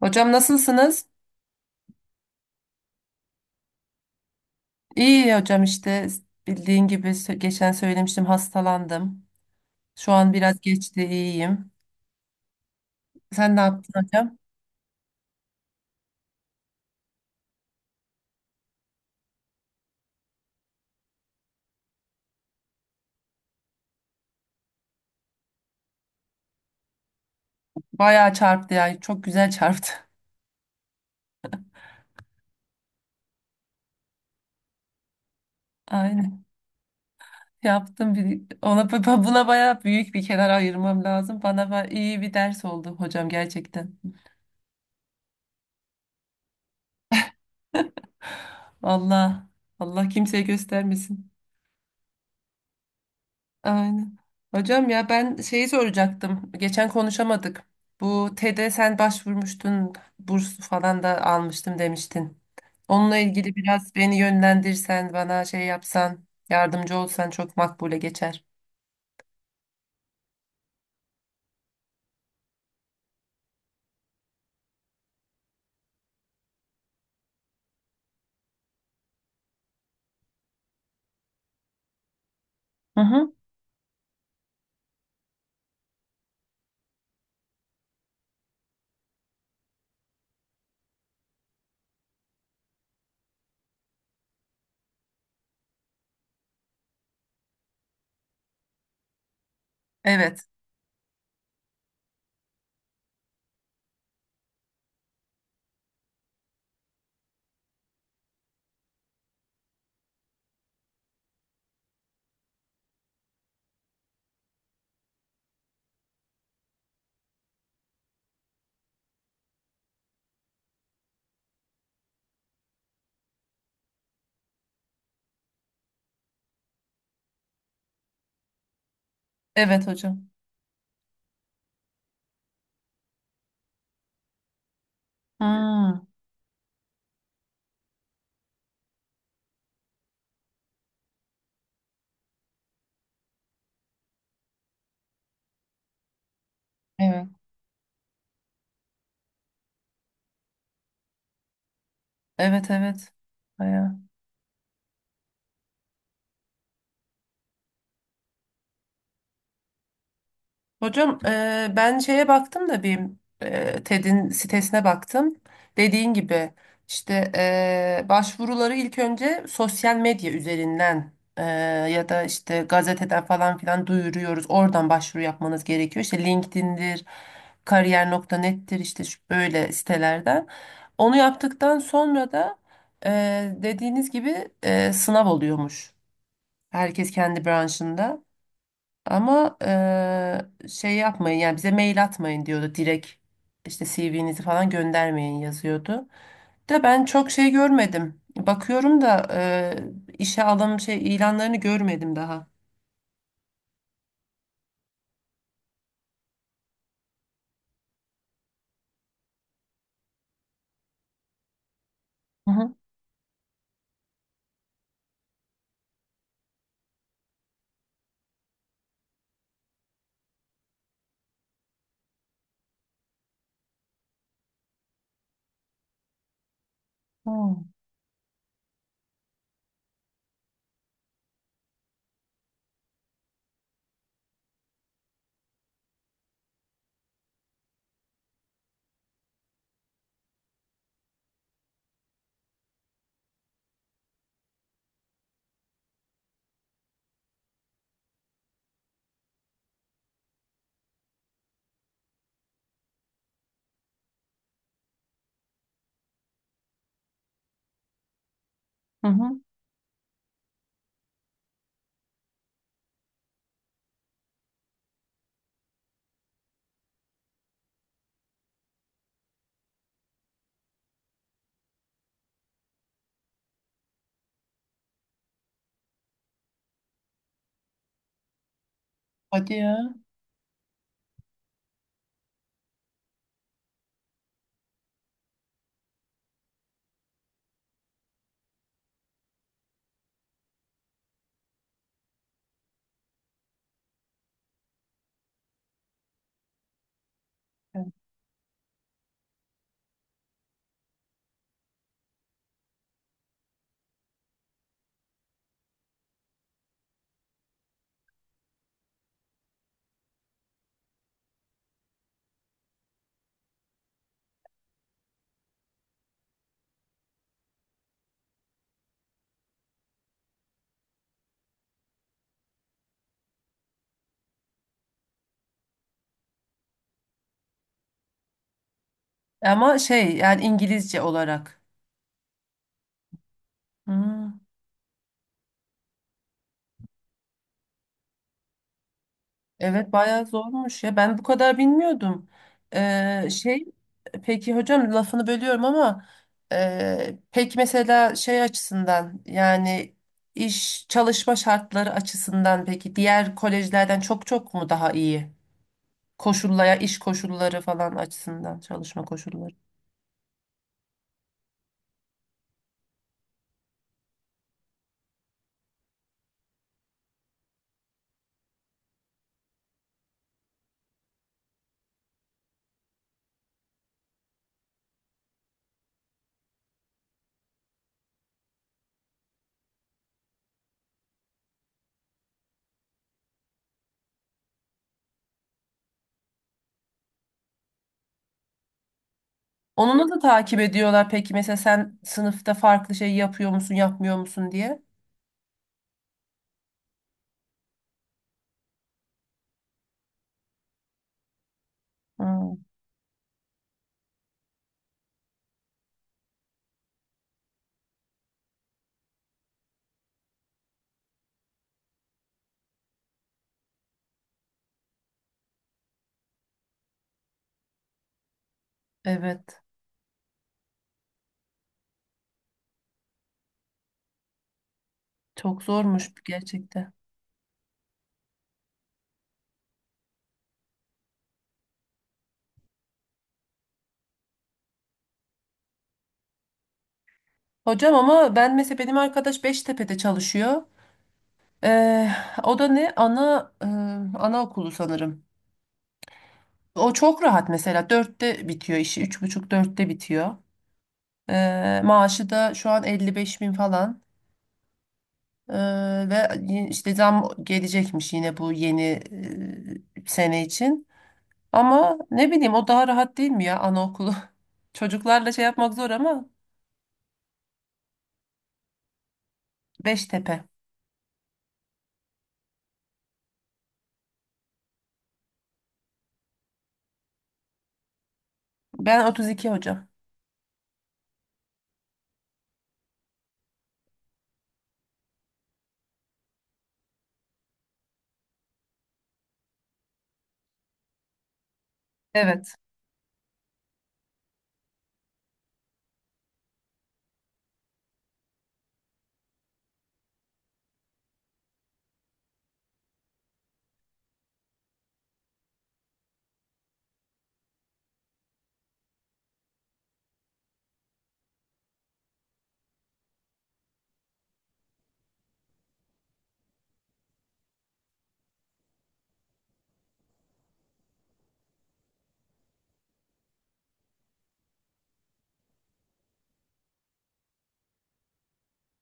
Hocam nasılsınız? İyi hocam işte bildiğin gibi geçen söylemiştim hastalandım. Şu an biraz geçti iyiyim. Sen ne yaptın hocam? Bayağı çarptı ya çok güzel çarptı. Aynen yaptım bir ona buna bayağı büyük bir kenar ayırmam lazım. Bana iyi bir ders oldu hocam gerçekten. Allah Allah kimseye göstermesin. Aynen. Hocam ya ben şeyi soracaktım. Geçen konuşamadık. Bu TED'e sen başvurmuştun. Burs falan da almıştım demiştin. Onunla ilgili biraz beni yönlendirsen, bana şey yapsan, yardımcı olsan çok makbule geçer. Hı hı. Evet. Evet hocam. Hmm. Evet. Evet, evet. Bayağı. Hocam ben şeye baktım da bir TED'in sitesine baktım. Dediğin gibi işte başvuruları ilk önce sosyal medya üzerinden e, ya da işte gazeteden falan filan duyuruyoruz. Oradan başvuru yapmanız gerekiyor. İşte LinkedIn'dir, kariyer nokta net'tir işte şu böyle sitelerden. Onu yaptıktan sonra da e, dediğiniz gibi sınav oluyormuş. Herkes kendi branşında. Ama şey yapmayın yani bize mail atmayın diyordu direkt işte CV'nizi falan göndermeyin yazıyordu. De ben çok şey görmedim. Bakıyorum da işe alım şey ilanlarını görmedim daha. Hı hı. Hı hı. Hadi ya. Ama şey yani İngilizce olarak. Hı. Evet bayağı zormuş ya. Ben bu kadar bilmiyordum. Şey peki hocam lafını bölüyorum ama peki mesela şey açısından yani iş çalışma şartları açısından peki diğer kolejlerden çok çok mu daha iyi? Koşullaya iş koşulları falan açısından çalışma koşulları. Onu da takip ediyorlar peki mesela sen sınıfta farklı şey yapıyor musun yapmıyor musun diye. Hmm, evet çok zormuş gerçekten. Hocam ama ben mesela benim arkadaş Beştepe'de çalışıyor. Ee, o da ne? Ana anaokulu sanırım. O çok rahat mesela. Dörtte bitiyor işi. Üç buçuk dörtte bitiyor. Maaşı da şu an 55.000 falan. Ee, ve işte zam gelecekmiş yine bu yeni sene için. Ama ne bileyim o daha rahat değil mi ya anaokulu? Çocuklarla şey yapmak zor ama Beştepe. Ben 32 hocam. Evet.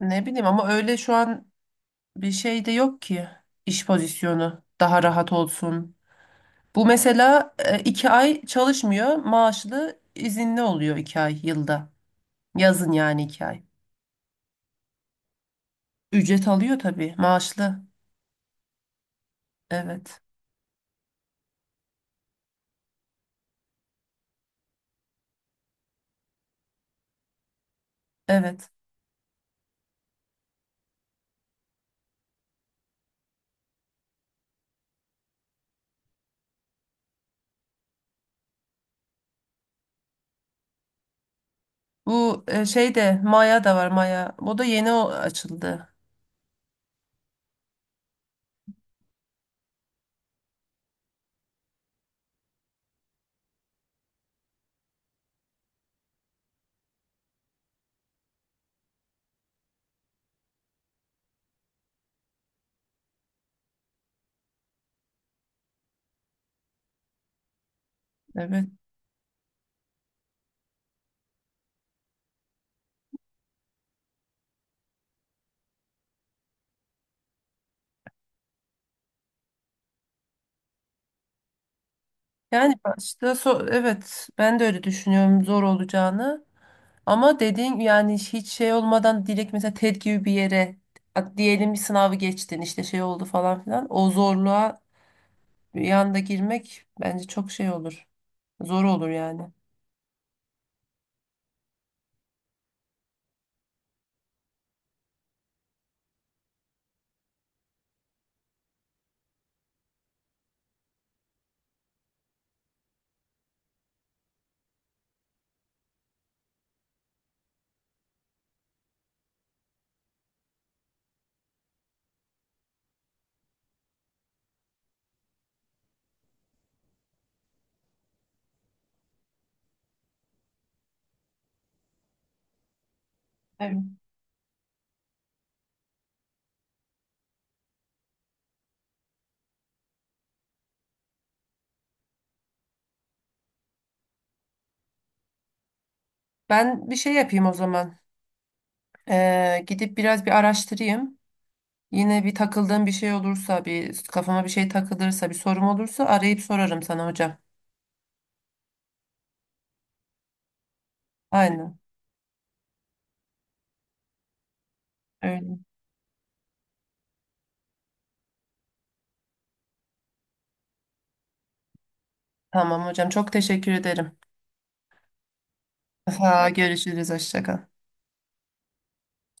Ne bileyim ama öyle şu an bir şey de yok ki iş pozisyonu daha rahat olsun. Bu mesela 2 ay çalışmıyor, maaşlı izinli oluyor 2 ay yılda. Yazın yani 2 ay. Ücret alıyor tabii, maaşlı. Evet, evet. Bu şey de Maya da var Maya. O da yeni açıldı. Evet. Yani başta evet ben de öyle düşünüyorum zor olacağını. Ama dediğin yani hiç şey olmadan direkt mesela TED gibi bir yere diyelim bir sınavı geçtin işte şey oldu falan filan. O zorluğa bir anda girmek bence çok şey olur. Zor olur yani. Evet. Ben bir şey yapayım o zaman. Gidip biraz bir araştırayım. Yine bir takıldığım bir şey olursa, bir kafama bir şey takılırsa, bir sorum olursa arayıp sorarım sana hocam. Aynen. Öyle. Tamam hocam. Çok teşekkür ederim. Ha, görüşürüz. Hoşça kal.